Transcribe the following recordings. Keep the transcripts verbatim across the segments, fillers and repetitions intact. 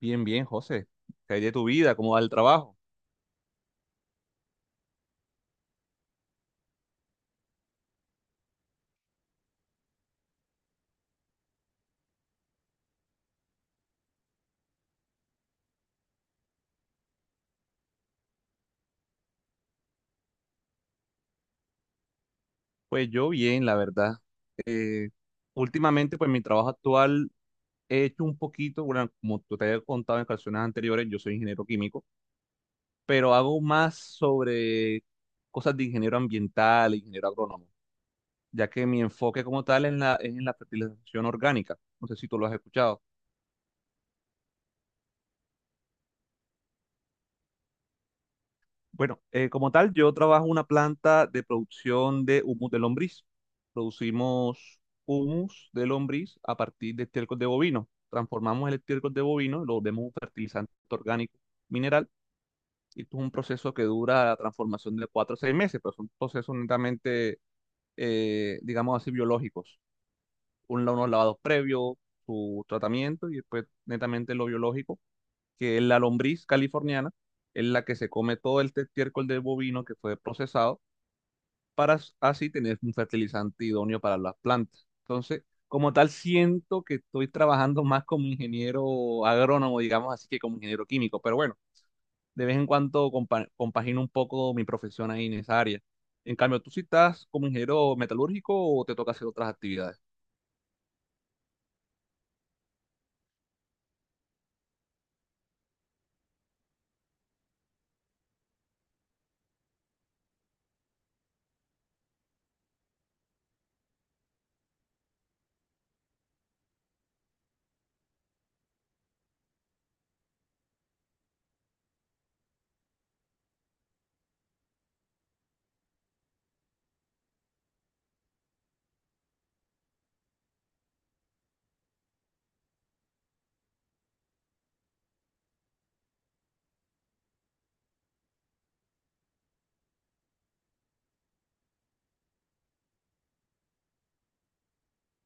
Bien, bien, José. ¿Qué hay de tu vida? ¿Cómo va el trabajo? Pues yo bien, la verdad. Eh, Últimamente, pues mi trabajo actual he hecho un poquito, bueno, como tú te había contado en ocasiones anteriores, yo soy ingeniero químico, pero hago más sobre cosas de ingeniero ambiental, ingeniero agrónomo, ya que mi enfoque como tal es en la, es en la fertilización orgánica. No sé si tú lo has escuchado. Bueno, eh, como tal, yo trabajo en una planta de producción de humus de lombriz. Producimos humus de lombriz a partir de estiércol de bovino. Transformamos el estiércol de bovino, lo volvemos un fertilizante orgánico mineral. Y esto es un proceso que dura la transformación de cuatro a seis meses, pero son procesos netamente, eh, digamos así, biológicos. Un, unos lavados previos, su tratamiento y después netamente lo biológico que la lombriz californiana es la que se come todo el estiércol del bovino que fue procesado para as- así tener un fertilizante idóneo para las plantas. Entonces, como tal, siento que estoy trabajando más como ingeniero agrónomo, digamos así, que como ingeniero químico, pero bueno, de vez en cuando compa- compagino un poco mi profesión ahí en esa área. En cambio, ¿tú sí estás como ingeniero metalúrgico o te toca hacer otras actividades?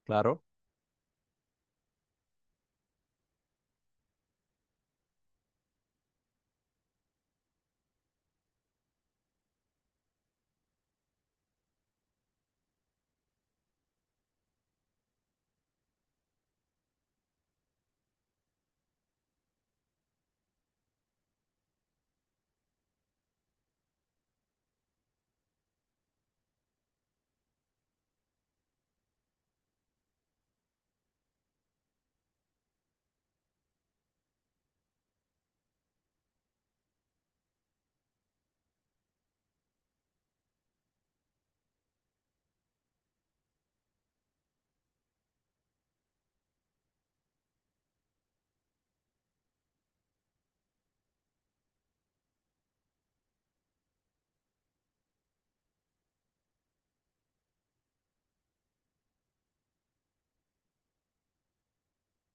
Claro.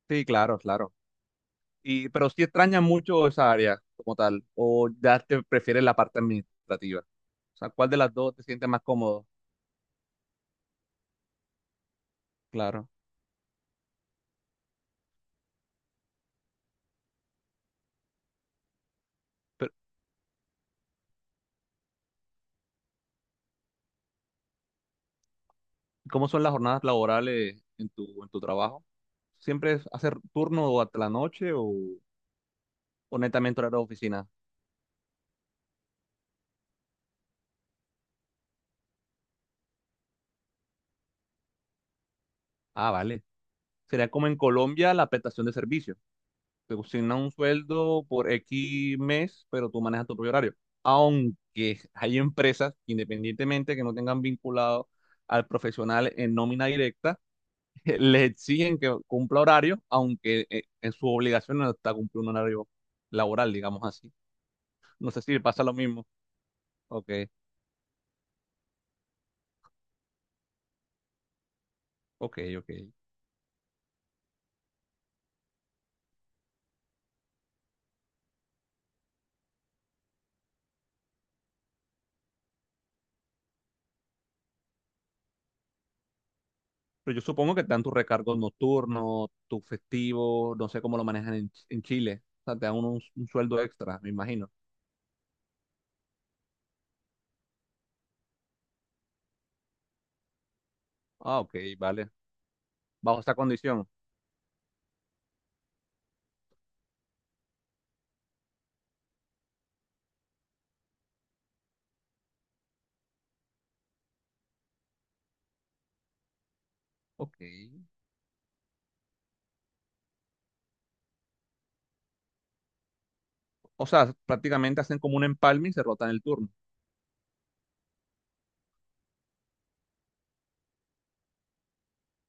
Sí, claro, claro. Y, pero sí extraña mucho esa área como tal, o ya te prefieres la parte administrativa. O sea, ¿cuál de las dos te sientes más cómodo? Claro. Pero ¿cómo son las jornadas laborales en tu, en tu trabajo? ¿Siempre es hacer turno o hasta la noche o, o netamente horario de oficina? Ah, vale. Sería como en Colombia la prestación de servicio. Te asignan un sueldo por X mes, pero tú manejas tu propio horario. Aunque hay empresas, independientemente que no tengan vinculado al profesional en nómina directa, le exigen que cumpla horario, aunque eh, en su obligación no está cumplir un horario laboral, digamos así. No sé si le pasa lo mismo. Ok, ok, ok. Pero yo supongo que te dan tus recargos nocturnos, tus festivos, no sé cómo lo manejan en, Ch- en Chile. O sea, te dan un, un sueldo extra, me imagino. Ah, ok, vale. Bajo esa condición. Ok. O sea, prácticamente hacen como un empalme y se rotan el turno.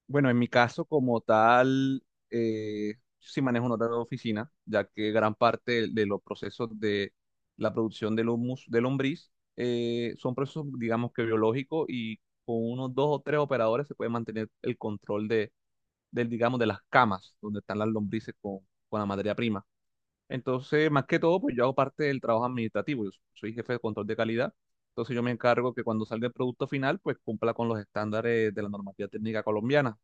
Bueno, en mi caso como tal, eh, yo sí manejo un horario de oficina, ya que gran parte de, de los procesos de la producción del humus, de lombriz, eh, son procesos, digamos que biológicos y con unos dos o tres operadores se puede mantener el control de, del, digamos, de las camas donde están las lombrices con, con la materia prima. Entonces, más que todo, pues yo hago parte del trabajo administrativo, yo soy jefe de control de calidad, entonces yo me encargo que cuando salga el producto final, pues cumpla con los estándares de la normativa técnica colombiana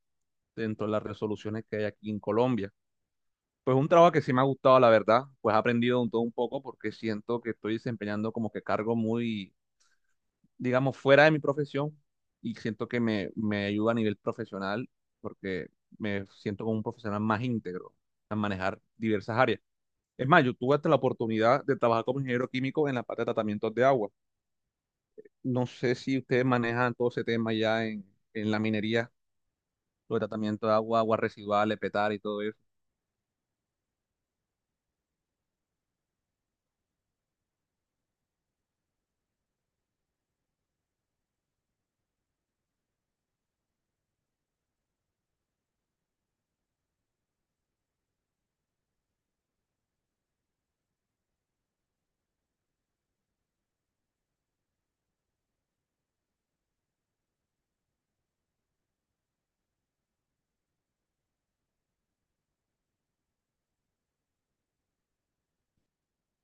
dentro de las resoluciones que hay aquí en Colombia. Pues un trabajo que sí me ha gustado, la verdad, pues he aprendido un todo un poco porque siento que estoy desempeñando como que cargo muy, digamos, fuera de mi profesión y siento que me, me ayuda a nivel profesional porque me siento como un profesional más íntegro a manejar diversas áreas. Es más, yo tuve hasta la oportunidad de trabajar como ingeniero químico en la parte de tratamientos de agua. No sé si ustedes manejan todo ese tema ya en, en la minería, lo de tratamiento de agua, aguas residuales, petar y todo eso.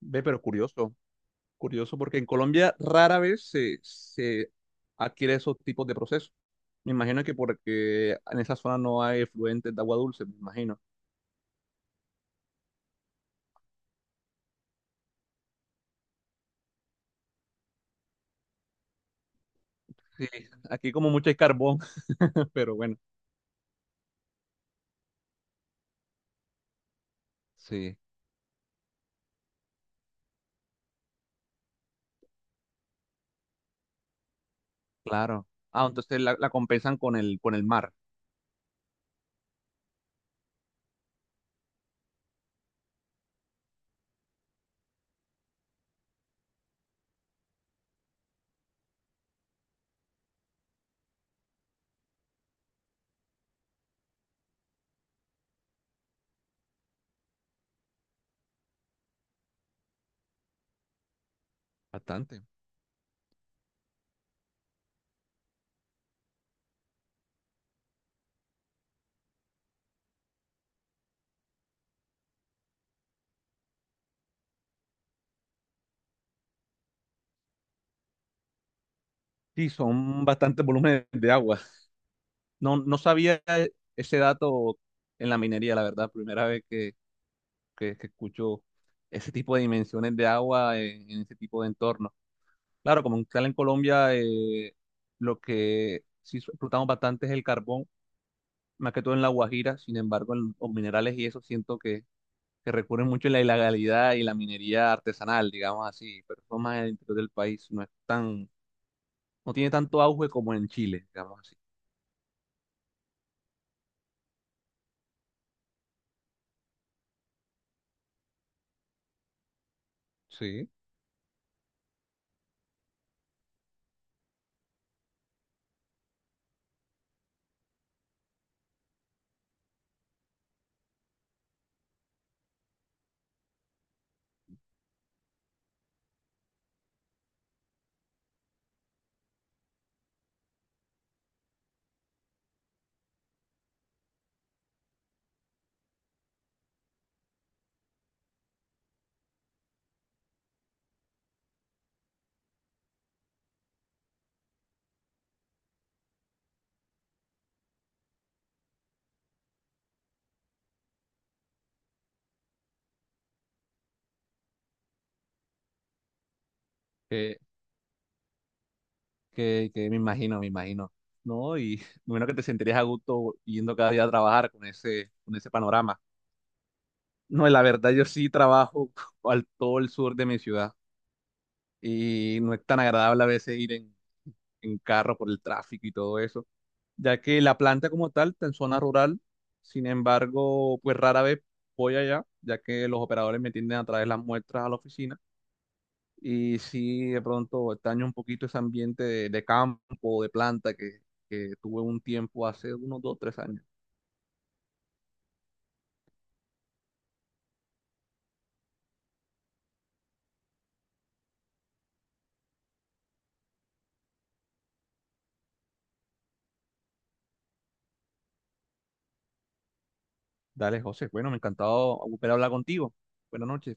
Ve, pero curioso, curioso, porque en Colombia rara vez se, se adquiere esos tipos de procesos. Me imagino que porque en esa zona no hay efluentes de agua dulce, me imagino. Sí, aquí como mucho hay carbón, pero bueno. Sí, claro. Ah, entonces la, la compensan con el, con el mar. Bastante. Sí, son bastantes volúmenes de agua. No, no sabía ese dato en la minería, la verdad. Primera vez que, que, que escucho ese tipo de dimensiones de agua en, en ese tipo de entorno. Claro, como tal en Colombia, eh, lo que sí explotamos bastante es el carbón, más que todo en La Guajira, sin embargo, en los minerales y eso siento que, que recurren mucho a la ilegalidad y la minería artesanal, digamos así, pero eso más en el interior del país, no es tan, no tiene tanto auge como en Chile, digamos así. Sí. Que, que, que me imagino, me imagino, ¿no? Y bueno, que te sentirías a gusto yendo cada día a trabajar con ese, con ese panorama. No, la verdad, yo sí trabajo al todo el sur de mi ciudad. Y no es tan agradable a veces ir en, en carro por el tráfico y todo eso, ya que la planta como tal está en zona rural, sin embargo, pues rara vez voy allá, ya que los operadores me tienden a traer las muestras a la oficina y sí, de pronto extraño un poquito ese ambiente de, de campo, de planta que, que tuve un tiempo hace unos dos, tres años. Dale, José, bueno, me ha encantado volver a hablar contigo. Buenas noches.